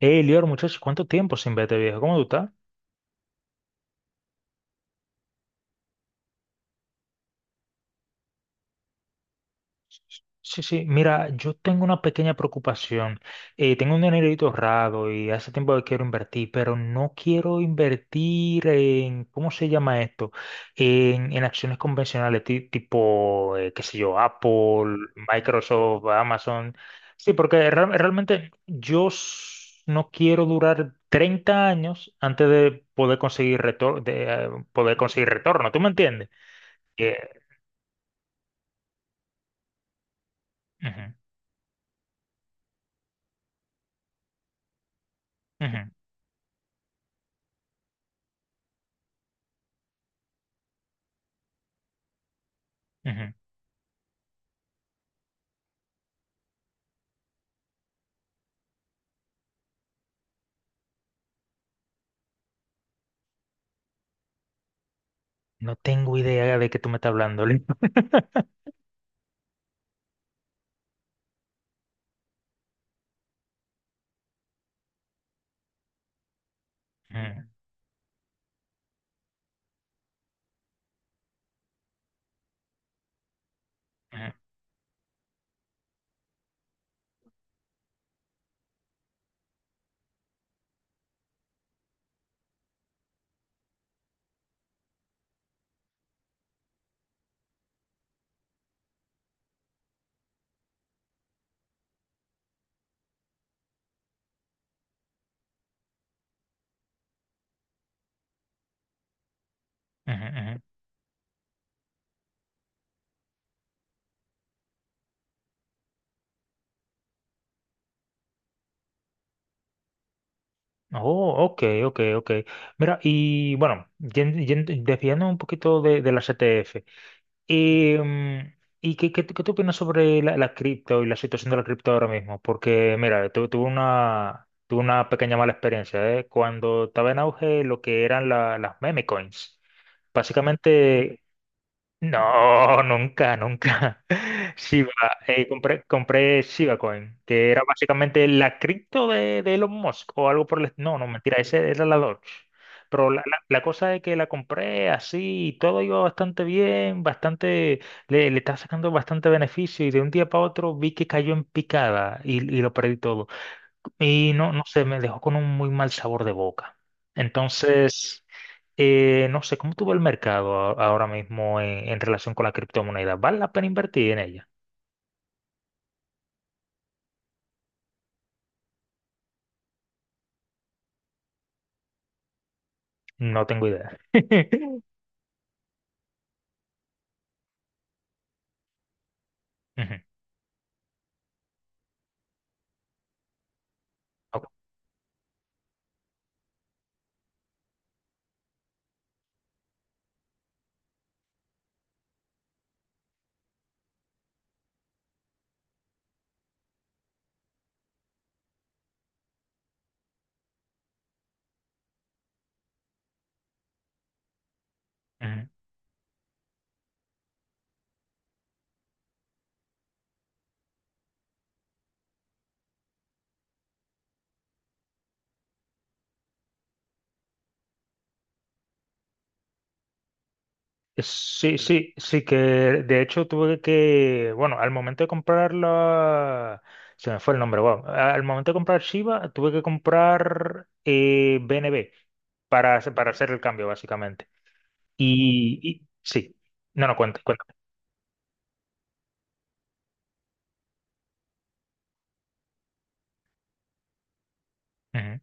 Hey, Lior, muchachos, ¿cuánto tiempo sin verte, viejo? ¿Cómo tú estás? Sí, sí, mira, yo tengo una pequeña preocupación. Tengo un dinerito ahorrado y hace tiempo que quiero invertir, pero no quiero invertir en, ¿cómo se llama esto? En acciones convencionales, tipo, qué sé yo, Apple, Microsoft, Amazon. Sí, porque realmente no quiero durar 30 años antes de poder poder conseguir retorno, ¿tú me entiendes? Ujú, ujú, ujú. No tengo idea de qué tú me estás hablando, Lin. Ujú, ujú, ujú, ujú. Oh, ok, ok, ok. Mira, y bueno, desviándonos un poquito de la CTF. ¿Y, y qué tú opinas sobre la cripto y la situación de la cripto ahora mismo? Porque, mira, tuve tuve una pequeña mala experiencia, ¿eh? Cuando estaba en auge lo que eran las meme coins. Básicamente, no, nunca, nunca. Shiba, compré Shiba Coin, que era básicamente la cripto de Elon Musk o algo por el... No, no, mentira, ese era la Doge. Pero la cosa es que la compré así y todo iba bastante bien, bastante, le estaba sacando bastante beneficio y de un día para otro vi que cayó en picada y lo perdí todo. Y no, no sé, me dejó con un muy mal sabor de boca. Entonces, no sé, ¿cómo tú ves el mercado ahora mismo en relación con la criptomoneda? ¿Vale la pena invertir en ella? No tengo idea. Ujú, ok, ujú. Sí, sí, sí, que de hecho tuve que, bueno, al momento de comprarla, se me fue el nombre, wow. Al momento de comprar Shiba, tuve que comprar BNB para, para hacer el cambio, básicamente. Y, sí, no, no, cuenta, ujú,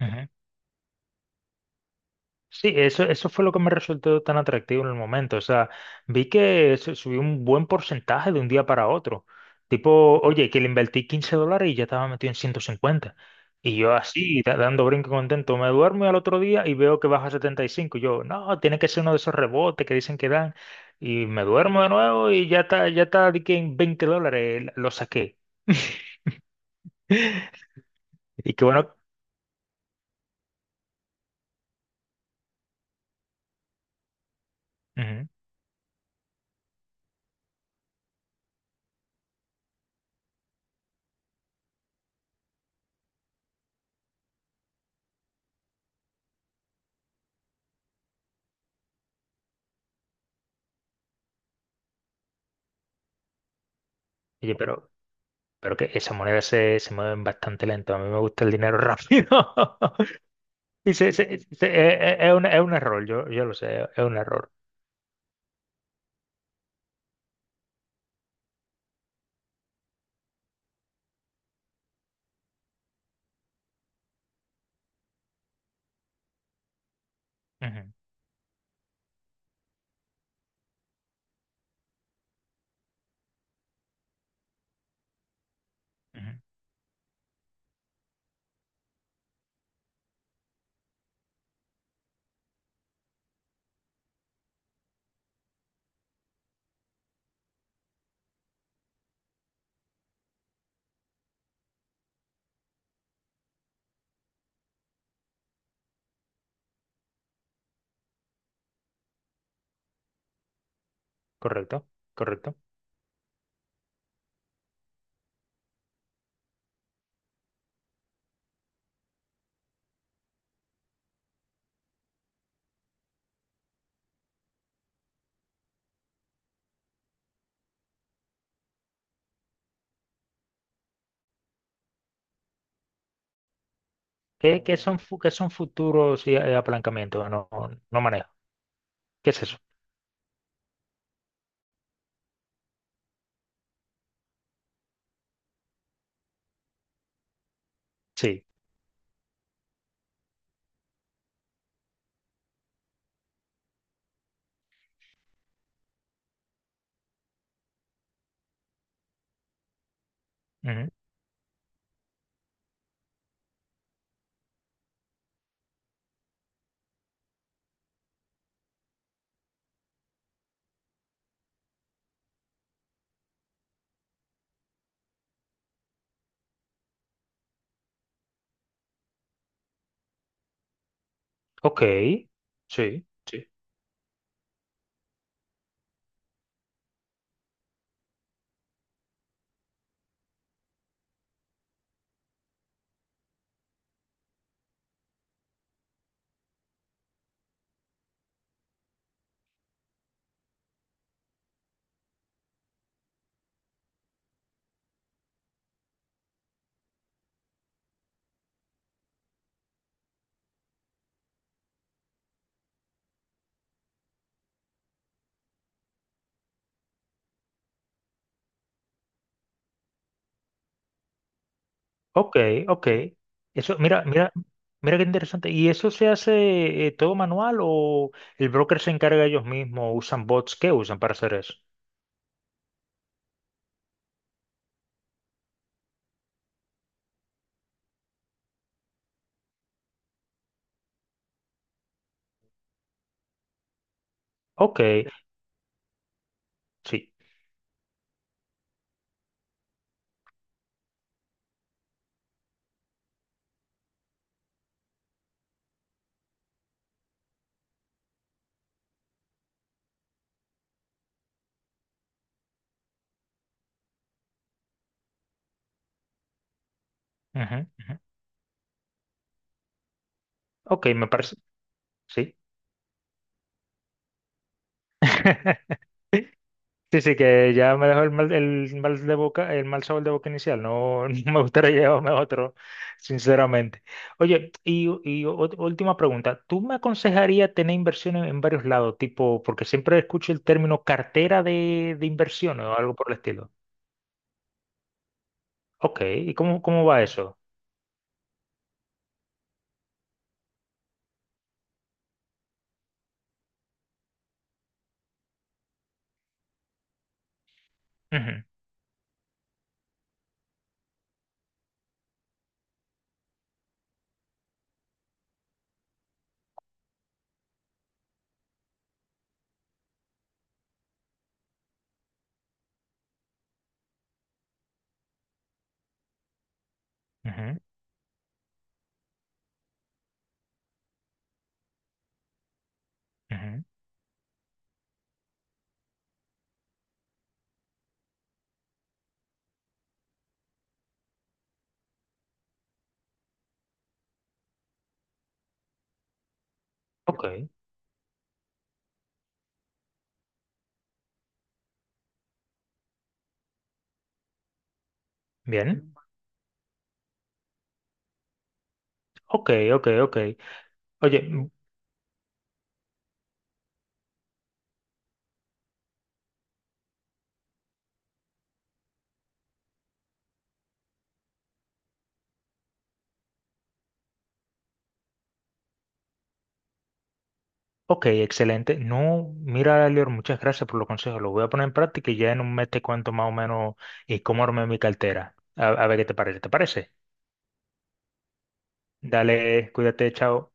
ujú. Sí, eso fue lo que me resultó tan atractivo en el momento. O sea, vi que se subió un buen porcentaje de un día para otro. Tipo, oye, que le invertí $15 y ya estaba metido en 150. Y yo así, dando brinco contento, me duermo y al otro día y veo que baja a 75. Yo, no, tiene que ser uno de esos rebotes que dicen que dan. Y me duermo de nuevo y ya está, di que en $20 lo saqué. Y qué bueno. Ujú. Oye, pero que esas monedas se, se mueven bastante lento. A mí me gusta el dinero rápido. Y es un error, yo lo sé, es un error. Ujú, ujú. Correcto, correcto. ¿Qué, qué son, qué son futuros y apalancamientos? No, no manejo. ¿Qué es eso? Sí. Ujú. Ok, sí, sí. Ok, ok. Eso, mira, mira, mira qué interesante. ¿Y eso se hace todo manual o el broker se encarga ellos mismos? ¿Usan bots? ¿Qué usan para hacer eso? Ok. Sí, ujú, ujú. Ok, me parece. Sí. Sí, sí, que ya me dejó el mal de boca, el mal sabor de boca inicial. No, no me gustaría llevarme otro, sinceramente. Oye, y, última pregunta. ¿Tú me aconsejarías tener inversiones en varios lados? Tipo, porque siempre escucho el término cartera de inversiones o algo por el estilo. Ok, ¿y cómo, cómo va eso? Ujú, ujú, ujú. Ok, bien. Ok, ok, ok. Oye, ok, excelente. No, mira, Lior, muchas gracias por los consejos. Los voy a poner en práctica y ya en un mes te cuento más o menos y cómo armé mi cartera. A ver qué te parece. ¿Te parece? Dale, cuídate, chao.